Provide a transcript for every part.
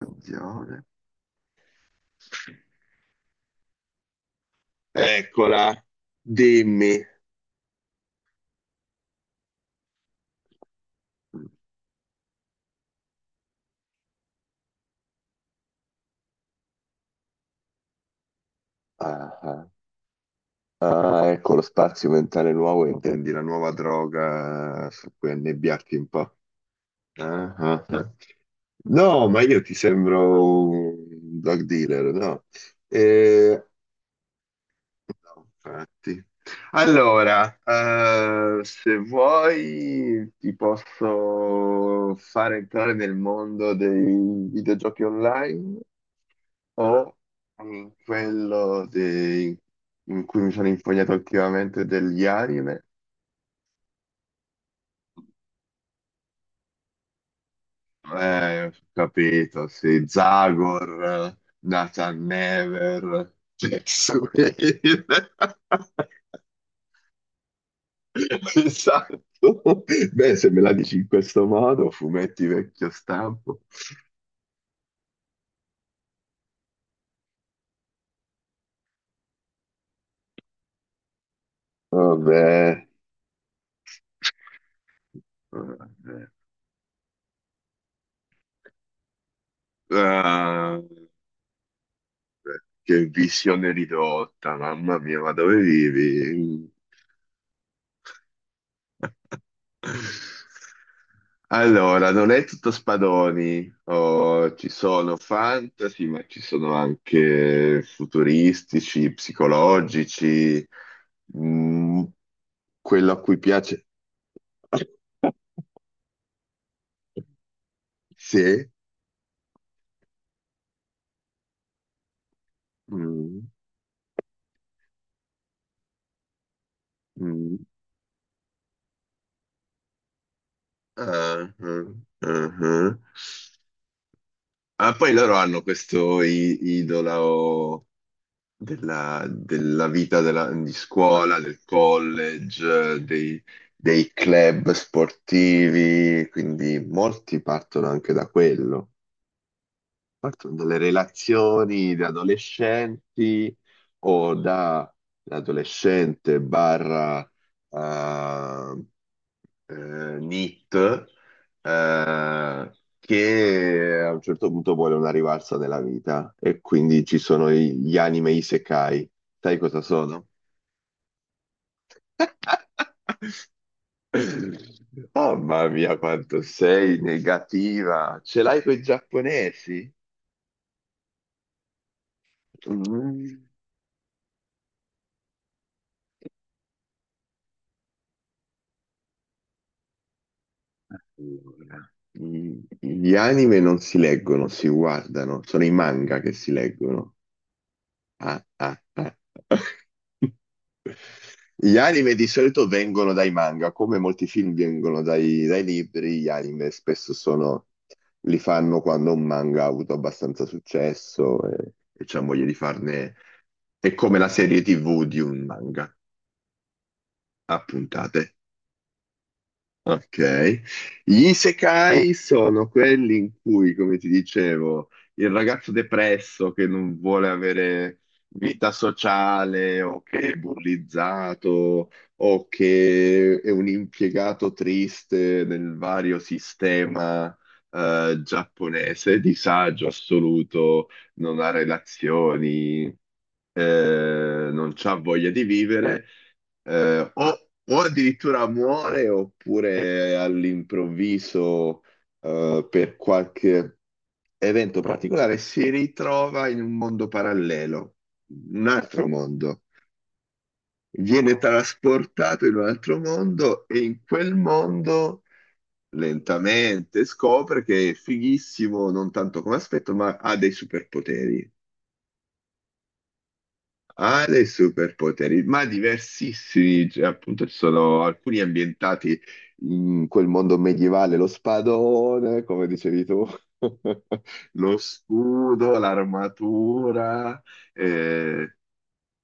Attenzione. Eccola, dimmi. Ah, ah. Ah, ecco lo spazio mentale nuovo, intendi la nuova droga su cui annebbiarti un po'. Ah, ah, ah. No, ma io ti sembro un drug dealer, no? Eh, no, infatti. Allora, se vuoi ti posso fare entrare nel mondo dei videogiochi online. O mm, quello dei- in cui mi sono infognato ultimamente degli anime. Ho capito, sì, Zagor, Nathan Never, Tetsuya. Esatto. Beh, se me la dici in questo modo, fumetti vecchio stampo. Vabbè. Vabbè. Eh, Che visione ridotta, mamma mia, ma dove vivi? Allora, non è tutto spadoni. Oh, ci sono fantasy, ma ci sono anche futuristici, psicologici, mm, quello a cui piace. Sì. Mm, mm. Ah, ah, ah, ah. Ah, poi loro hanno questo idolo. Della, della vita di scuola, del college, dei, dei club sportivi, quindi molti partono anche da quello, partono dalle relazioni da adolescenti o da l'adolescente barra eh, Nit, eh, che a un certo punto vuole una rivalsa nella vita e quindi ci sono gli anime isekai. Sai cosa sono? Oh, mamma mia, quanto sei negativa! Ce l'hai con i giapponesi? Mm. Allora, gli anime non si leggono, si guardano, sono i manga che si leggono. Ah, ah, ah. Gli anime di solito vengono dai manga, come molti film vengono dai libri, gli anime spesso sono, li fanno quando un manga ha avuto abbastanza successo e c'è voglia di farne, è come la serie TV di un manga a puntate. Ok, gli isekai sono quelli in cui, come ti dicevo, il ragazzo depresso che non vuole avere vita sociale o che è bullizzato o che è un impiegato triste nel vario sistema, giapponese, disagio assoluto, non ha relazioni, non ha voglia di vivere, o addirittura muore oppure all'improvviso, per qualche evento particolare, si ritrova in un mondo parallelo, un altro mondo. Viene trasportato in un altro mondo e in quel mondo lentamente scopre che è fighissimo, non tanto come aspetto, ma ha dei superpoteri. Ha dei superpoteri, ma diversissimi, cioè, appunto ci sono alcuni ambientati in quel mondo medievale, lo spadone, come dicevi tu, lo scudo, l'armatura, eh,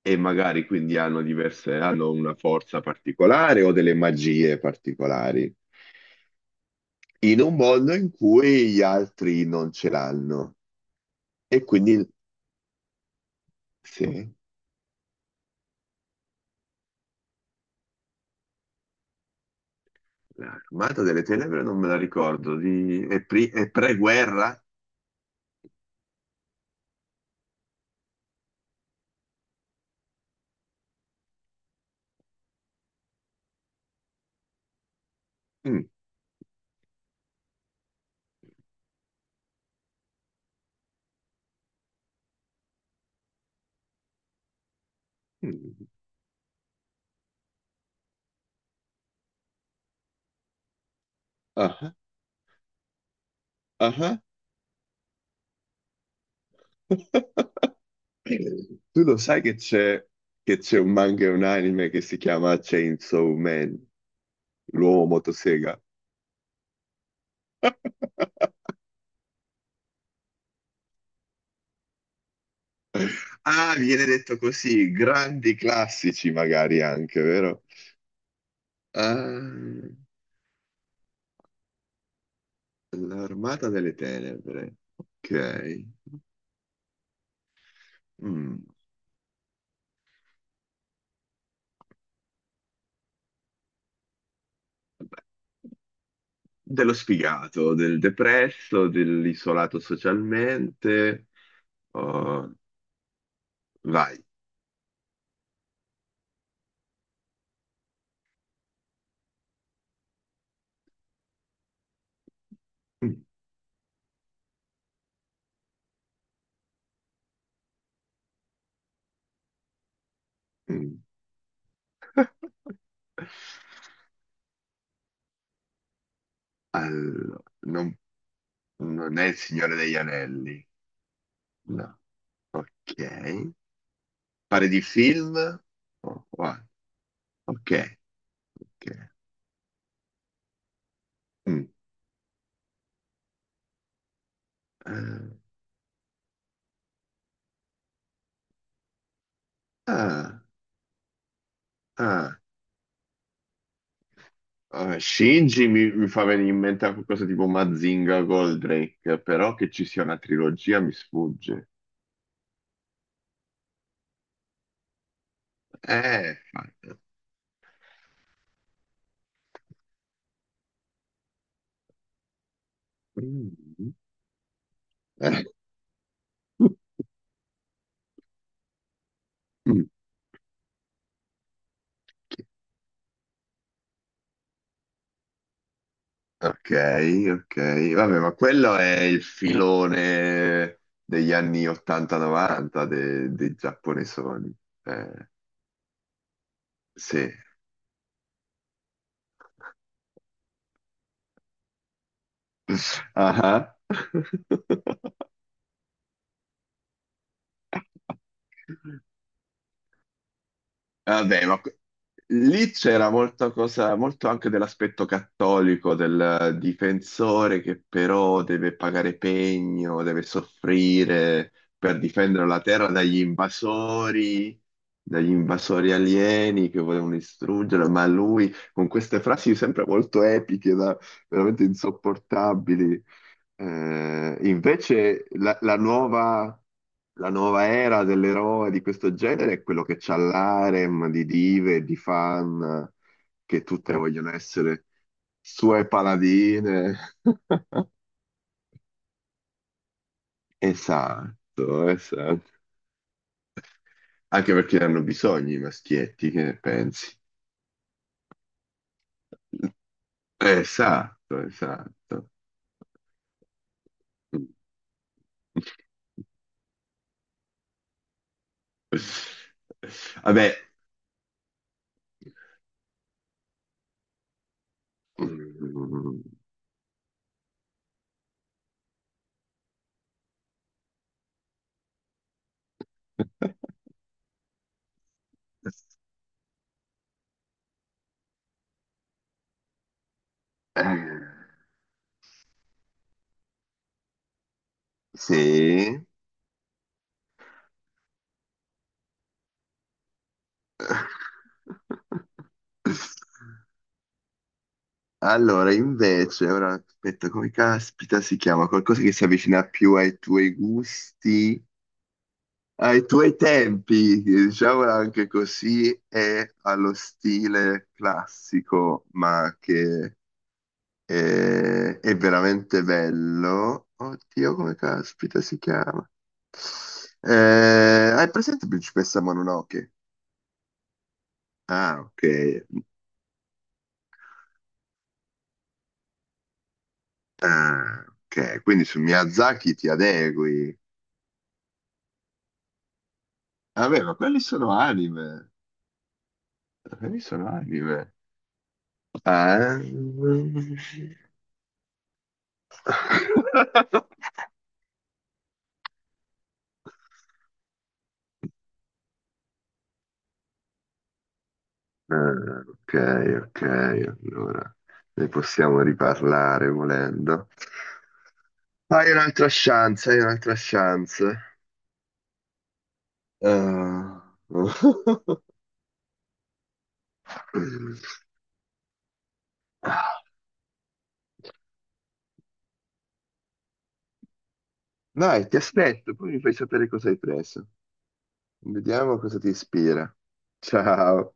e magari quindi hanno diverse, hanno una forza particolare o delle magie particolari, in un mondo in cui gli altri non ce l'hanno. E quindi, sì. L'Armata delle Tenebre non me la ricordo. Di... È, è pre-guerra? Mm. Mm. Ah, ah. Tu lo sai che c'è un manga e un anime che si chiama Chainsaw Man, l'uomo motosega. Ah, viene detto così, grandi classici magari anche, vero? Ah, l'Armata delle Tenebre. Ok. Mm. Dello sfigato, del depresso, dell'isolato socialmente. Oh, vai. Mm. Allora, non, non è il Signore degli Anelli. No. Ok. Pare di film? Oh, wow. Ok, ok. Mm. Ah, ah, ah. Shinji mi fa venire in mente qualcosa tipo Mazinga Goldrake, però che ci sia una trilogia mi sfugge. Fai- Mm. Mm. Ok, ok. Vabbè, ma quello è il filone degli anni 80-90 dei giapponesoni. Eh, sì. Ah. Vabbè, ma que- lì c'era molta cosa, molto anche dell'aspetto cattolico del difensore che però deve pagare pegno, deve soffrire per difendere la terra dagli invasori alieni che volevano distruggere, ma lui con queste frasi sempre molto epiche, da- veramente insopportabili. Invece la nuova era dell'eroe di questo genere è quello che c'ha l'harem di dive, di fan, che tutte vogliono essere sue paladine. Esatto, esatto. Anche perché hanno bisogno i maschietti, che ne pensi? Esatto, esatto. Vabbè. Mm. Eh, sì. Allora, invece, ora aspetta, come caspita si chiama? Qualcosa che si avvicina più ai tuoi gusti, ai tuoi tempi, diciamola anche così, e allo stile classico, ma che è, è veramente bello. Oddio, come caspita si chiama? Eh, hai presente Principessa Mononoke? Ah, ok. Ah, ok, quindi su Miyazaki ti adegui. Vabbè, ma quelli sono anime. Quelli sono anime. Ah, eh. Ah, ok, ok, allora ne possiamo riparlare volendo. Hai un'altra chance, hai un'altra chance. Ah. Dai, ti aspetto, poi mi fai sapere cosa hai preso. Vediamo cosa ti ispira. Ciao.